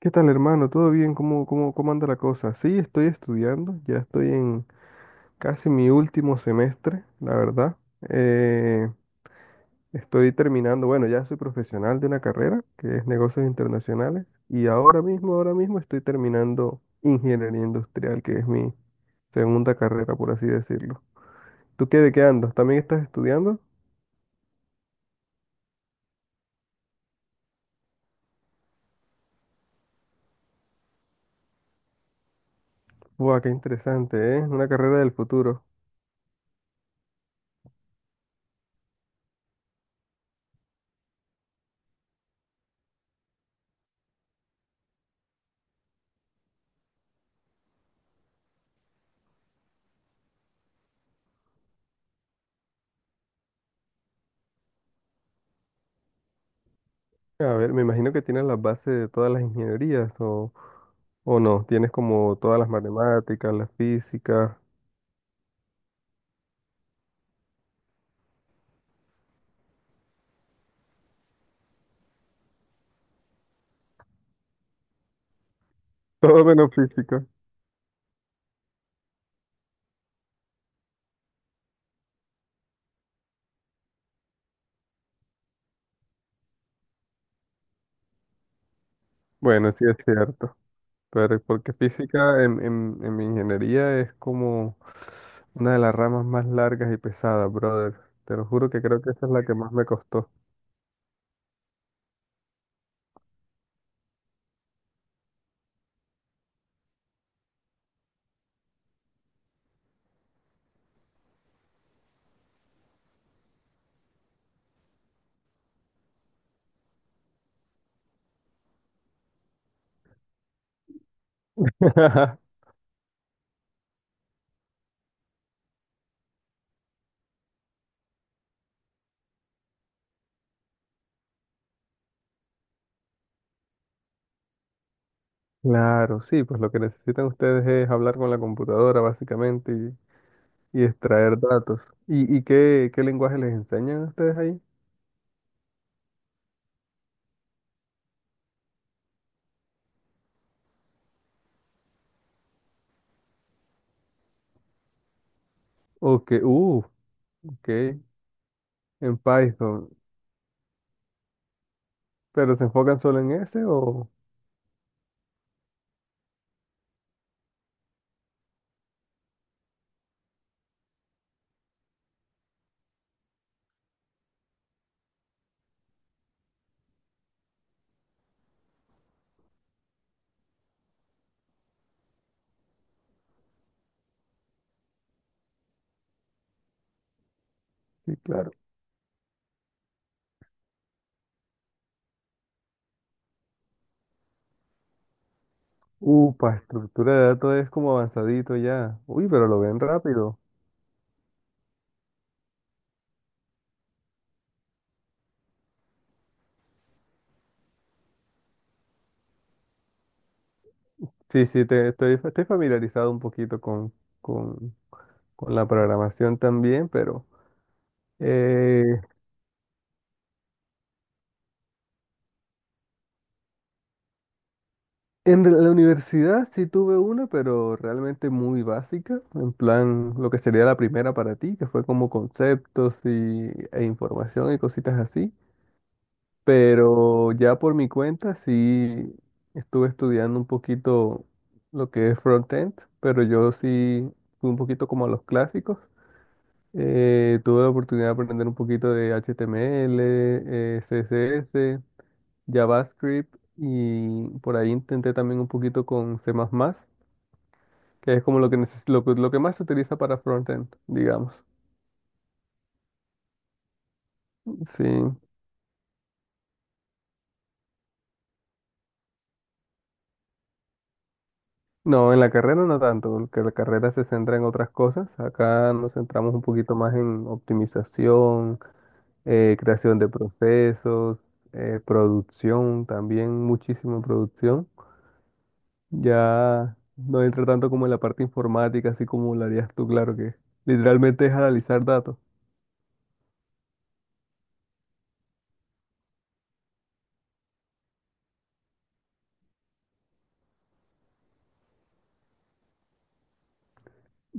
¿Qué tal, hermano? ¿Todo bien? ¿Cómo anda la cosa? Sí, estoy estudiando, ya estoy en casi mi último semestre, la verdad. Eh, Estoy terminando, bueno, ya soy profesional de una carrera que es negocios internacionales y ahora mismo estoy terminando ingeniería industrial, que es mi segunda carrera, por así decirlo. ¿Tú qué de qué andas? ¿También estás estudiando? ¡Buah, qué interesante, eh! Una carrera del futuro. A ver, me imagino que tienes las bases de todas las ingenierías o... ¿O no? Tienes como todas las matemáticas, la física, todo menos física. Bueno, sí es cierto. Pero porque física en mi ingeniería es como una de las ramas más largas y pesadas, brother. Te lo juro que creo que esa es la que más me costó. Claro, sí, pues lo que necesitan ustedes es hablar con la computadora, básicamente, y extraer datos. Y qué, qué lenguaje les enseñan a ustedes ahí? O que, ok, en Python. ¿Pero se enfocan solo en ese o...? Sí, claro. Upa, estructura de datos es como avanzadito ya. Uy, pero lo ven rápido. Sí, sí, te, estoy familiarizado un poquito con, con la programación también, pero eh, en la universidad sí tuve una, pero realmente muy básica, en plan lo que sería la primera para ti, que fue como conceptos y, e información y cositas así. Pero ya por mi cuenta sí estuve estudiando un poquito lo que es frontend, pero yo sí fui un poquito como a los clásicos. Tuve la oportunidad de aprender un poquito de HTML, CSS, JavaScript y por ahí intenté también un poquito con C++, que es como lo que, que lo que más se utiliza para frontend, digamos. Sí. No, en la carrera no tanto, porque la carrera se centra en otras cosas. Acá nos centramos un poquito más en optimización, creación de procesos, producción, también muchísima producción. Ya no entra tanto como en la parte informática, así como lo harías tú, claro que literalmente es analizar datos.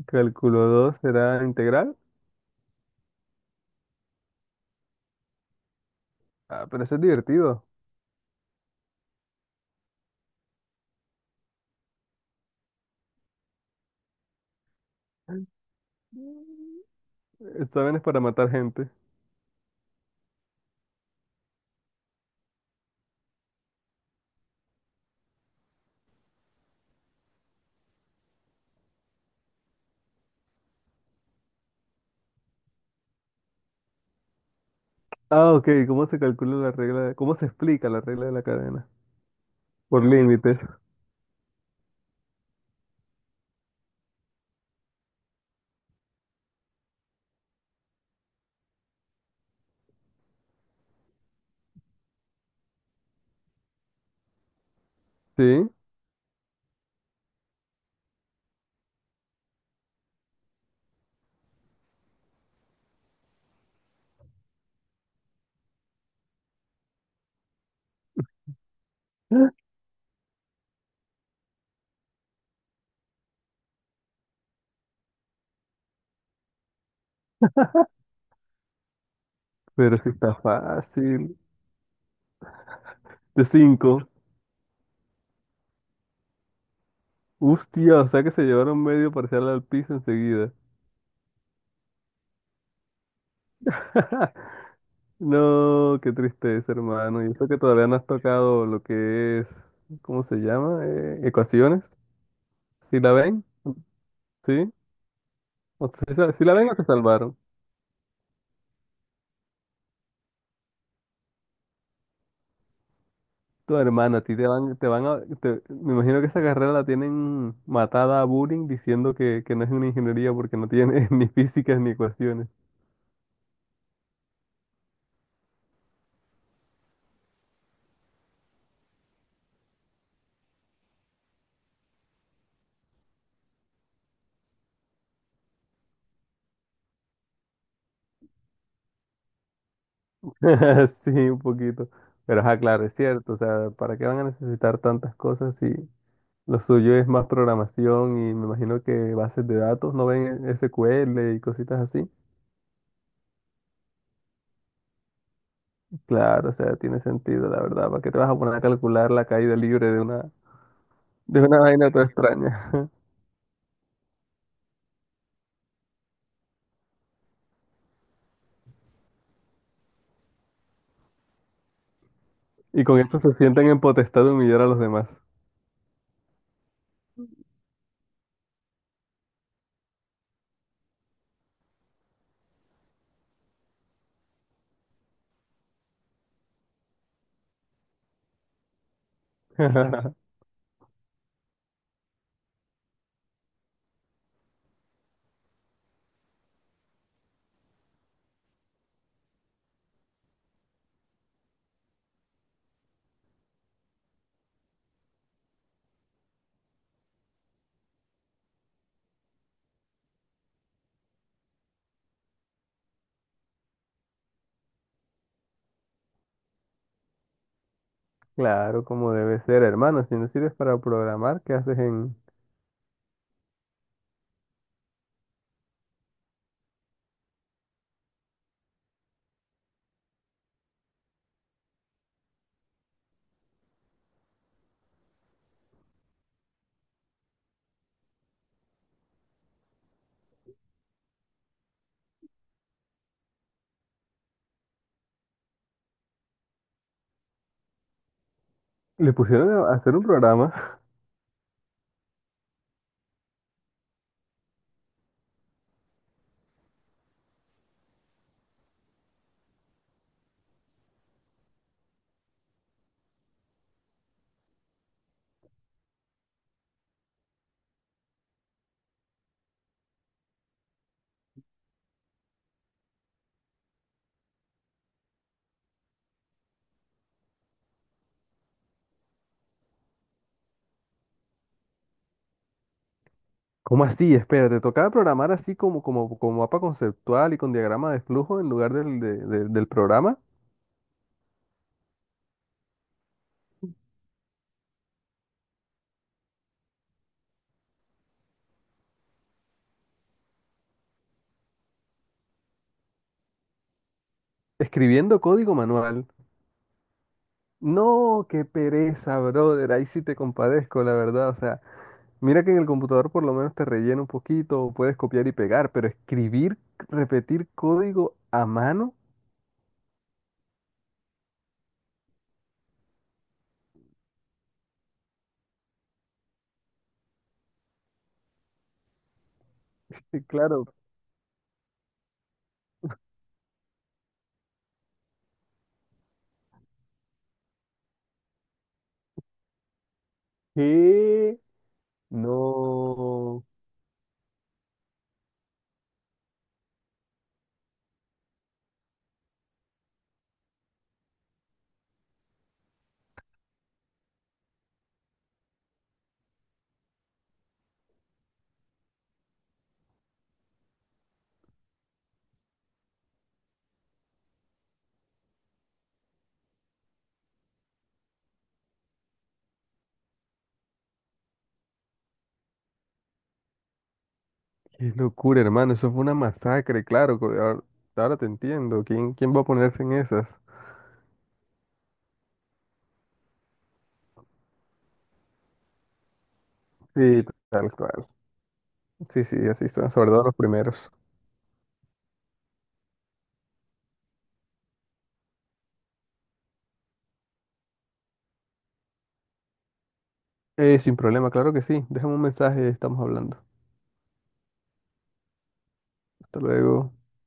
Cálculo 2 será integral. Ah, pero eso es divertido. Exámenes para matar gente. Ah, ok, ¿cómo se calcula la ¿Cómo se explica la regla de la cadena? Por límites, sí. Pero sí está fácil. De cinco. Hostia, o sea que se llevaron medio parcial al piso enseguida. No, qué tristeza, hermano. Y eso que todavía no has tocado lo que es, ¿cómo se llama? Ecuaciones. ¿Sí la ven? ¿Sí? O sea, si la ven o se salvaron. Tu hermana, a ti te van a, te- me imagino que esa carrera la tienen matada a bullying diciendo que no es una ingeniería porque no tiene ni físicas ni ecuaciones. Sí, un poquito. Pero ajá, claro, es cierto. O sea, ¿para qué van a necesitar tantas cosas si lo suyo es más programación y me imagino que bases de datos no ven SQL y cositas así? Claro, o sea, tiene sentido, la verdad. ¿Para qué te vas a poner a calcular la caída libre de una vaina toda extraña? Y con esto se sienten en potestad de humillar a los demás. Claro, como debe ser, hermano. Si no sirves para programar, ¿qué haces en...? Le pusieron a hacer un programa. ¿Cómo así? Espera, te tocaba programar así como, como, como mapa conceptual y con diagrama de flujo en lugar del programa, escribiendo código manual. No, qué pereza, brother. Ahí sí te compadezco, la verdad. O sea, mira que en el computador por lo menos te rellena un poquito, o puedes copiar y pegar, pero escribir, repetir código a mano, sí, claro. ¿Qué? No, qué locura, hermano. Eso fue una masacre, claro. Ahora te entiendo. ¿Quién va a ponerse en esas? Sí, tal cual. Sí, sí, así son, sobre todo los primeros. Sin problema, claro que sí. Déjame un mensaje, estamos hablando. Hasta luego.